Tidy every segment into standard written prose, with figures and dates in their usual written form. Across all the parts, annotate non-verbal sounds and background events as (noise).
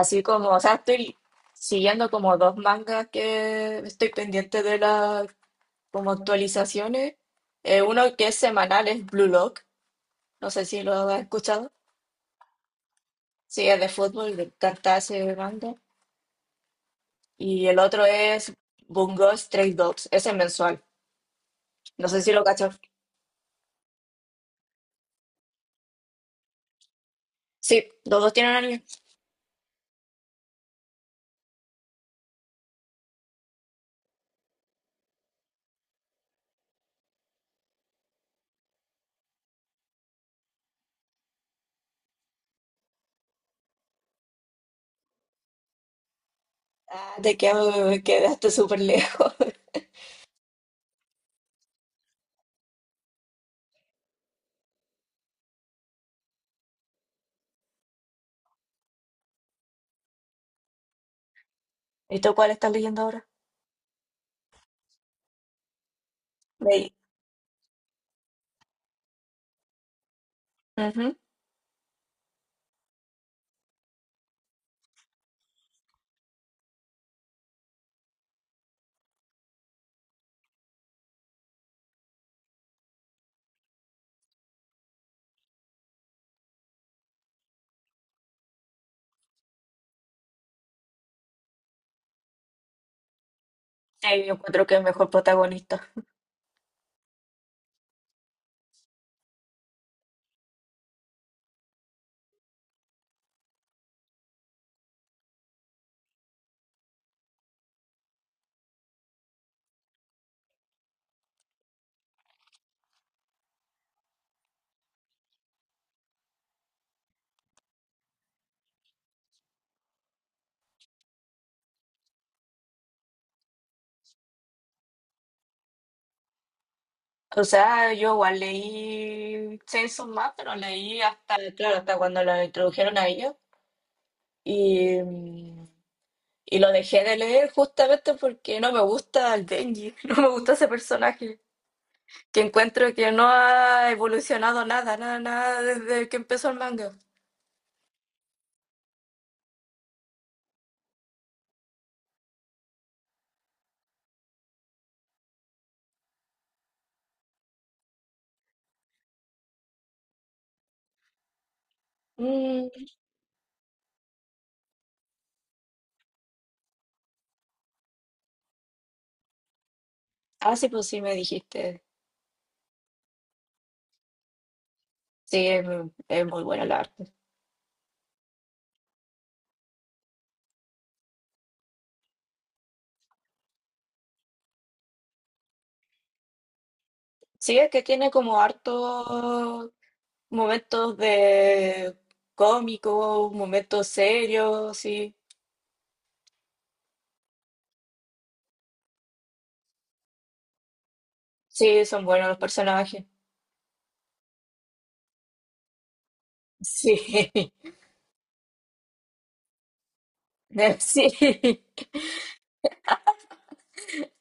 Así como, o sea, estoy siguiendo como dos mangas que estoy pendiente de las como actualizaciones. Uno que es semanal es Blue Lock, no sé si lo has escuchado. Sí, es de fútbol, de encanta ese manga. Y el otro es Bungo Stray Dogs, ese es mensual. No sé si lo cachas. Sí, los dos tienen anime. Ah, quedaste súper lejos. (laughs) ¿Y tú cuál estás leyendo ahora? Leí. Ujú. Sí, yo encuentro que es mejor protagonista. O sea, yo igual leí Chainsaw Man, pero leí hasta, claro, hasta cuando lo introdujeron a ellos. Y, mm, y lo dejé de leer justamente porque no me gusta el Denji, (laughs) no me gusta ese personaje, que encuentro que no ha evolucionado nada, nada, nada desde que empezó el manga. Mm, ah, sí, pues sí, me dijiste. Sí, es muy buena la arte. Sí, es que tiene como hartos momentos de cómico, momentos serios, sí. Sí, son buenos los personajes. Sí, (laughs) sí.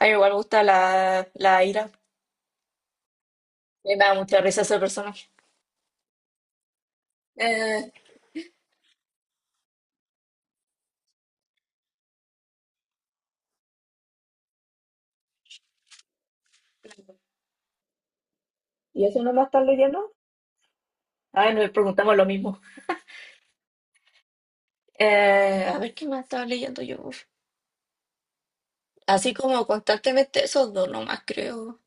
A mí igual me gusta la Ira. Me da mucha risa ese personaje. Eh, ¿Y eso no lo estás leyendo? Ah, nos preguntamos lo mismo. A ver qué más estaba leyendo yo. Así como constantemente esos dos nomás, creo.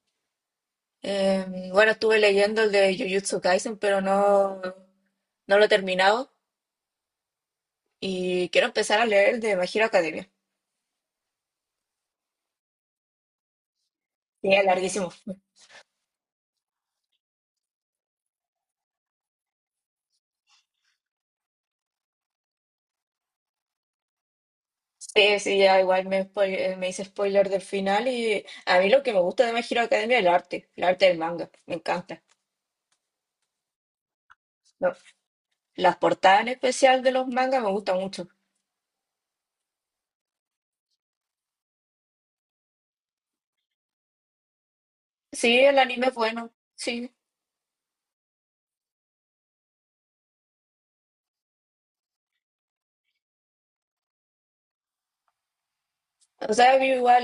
Bueno, estuve leyendo el de Jujutsu Kaisen, no lo he terminado y quiero empezar a leer el de My Hero Academia. Sí, es larguísimo. Sí, sí, ya igual me hice spoiler del final, y a mí lo que me gusta de My Hero Academia es el arte del manga, me encanta. No, las portadas en especial de los mangas me gustan mucho. Sí, el anime es bueno, sí. O sea, yo igual,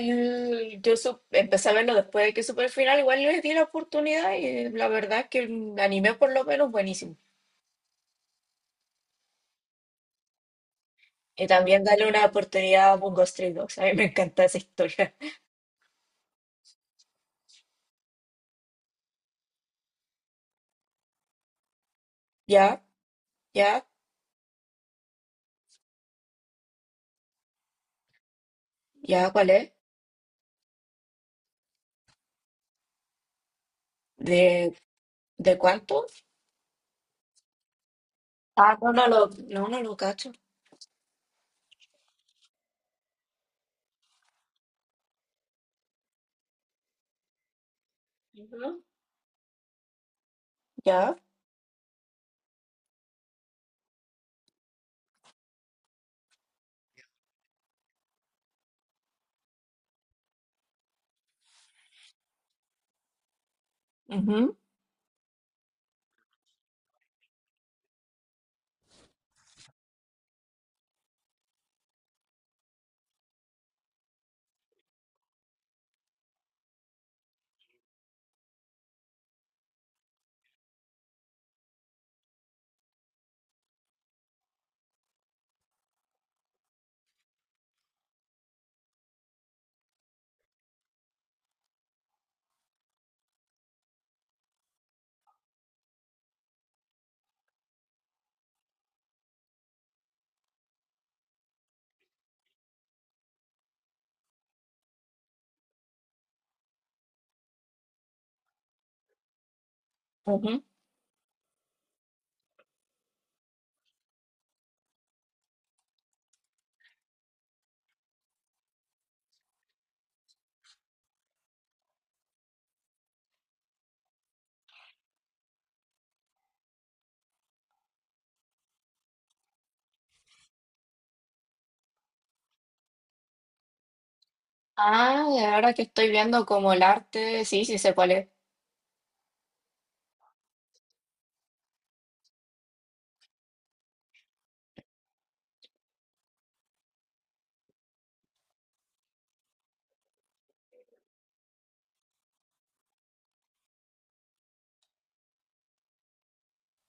empecé a verlo después de que supe el final, igual les di la oportunidad y la verdad es que el anime por lo menos buenísimo. Y también dale una oportunidad a Bungo Stray Dogs. A mí me encanta esa historia. (laughs) Ya, ya, ya, ¿cuál es? ¿De, de cuánto? Ah, no lo cacho. Ujú. Ya, ujú, ujú. Ah, y ahora que estoy viendo como el arte, sí, sí sé cuál es.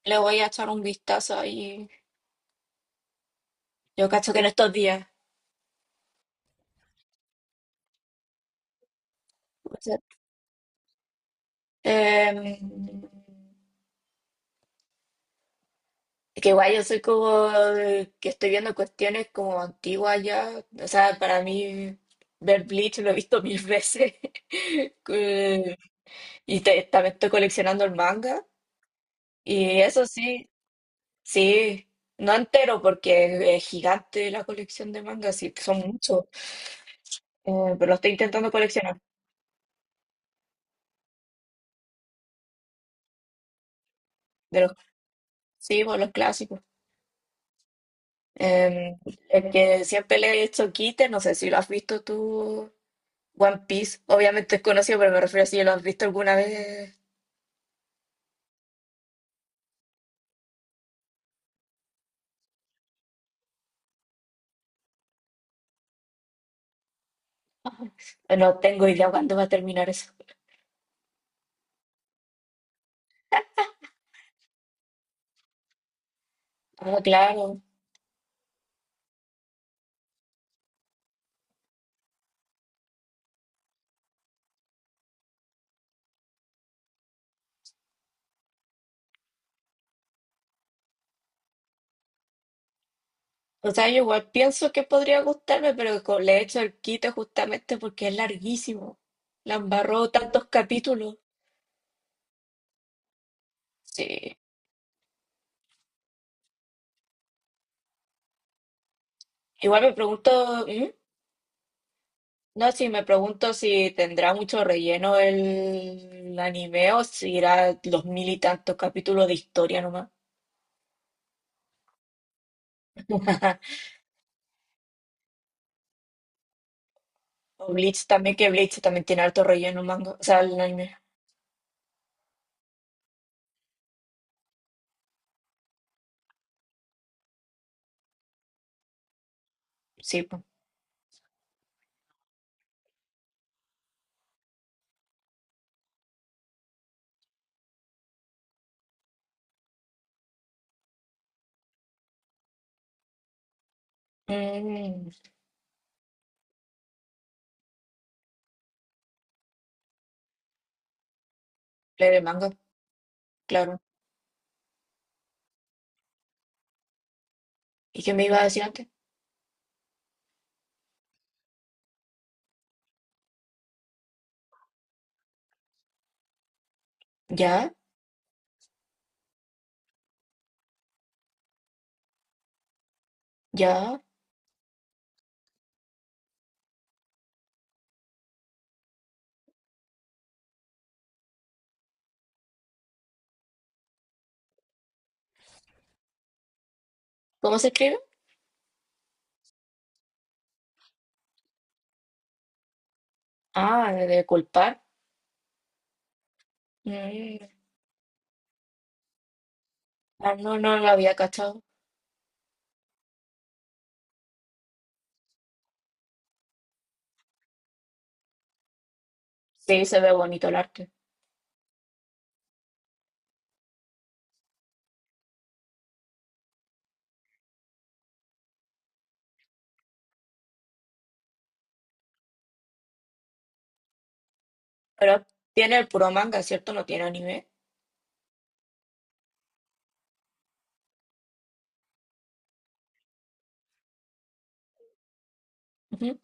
Le voy a echar un vistazo ahí. Yo cacho que en estos días. Puede ser. Em, que igual yo soy como que estoy viendo cuestiones como antiguas ya. O sea, para mí ver Bleach lo he visto mil veces. (laughs) Que- Y también estoy coleccionando el manga. Y eso sí, sí, no entero porque es gigante la colección de mangas, sí, son muchos. Pero lo estoy intentando coleccionar. De los, sí, por los clásicos. Eh, el que siempre le he hecho quite, no sé si lo has visto tú, One Piece, obviamente es conocido, pero me refiero a si lo has visto alguna vez. No tengo idea cuándo va a terminar eso. Ah, claro. O sea, yo igual pienso que podría gustarme, pero le he hecho el quite justamente porque es larguísimo. La embarró tantos capítulos. Sí. Igual me pregunto, ¿mm? No, sí, me pregunto si tendrá mucho relleno el anime o si irá los mil y tantos capítulos de historia nomás. (laughs) O Bleach también, que Bleach también tiene harto relleno manga, o sea, el anime. Sí, pues. Mm, leer manga, claro. ¿Y qué me iba a decir antes? ¿Ya? ¿Ya? ¿Cómo se escribe? Ah, de culpar. Mm, ah, no, no lo había cachado. Sí, se ve bonito el arte. Pero tiene el puro manga, ¿cierto? No tiene anime. Ujú.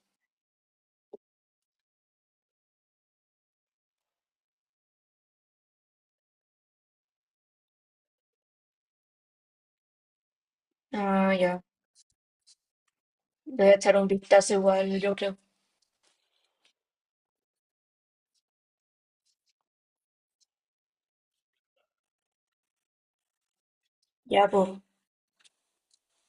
Ah, ya. Voy a echar un vistazo igual, yo creo. Ya, pues.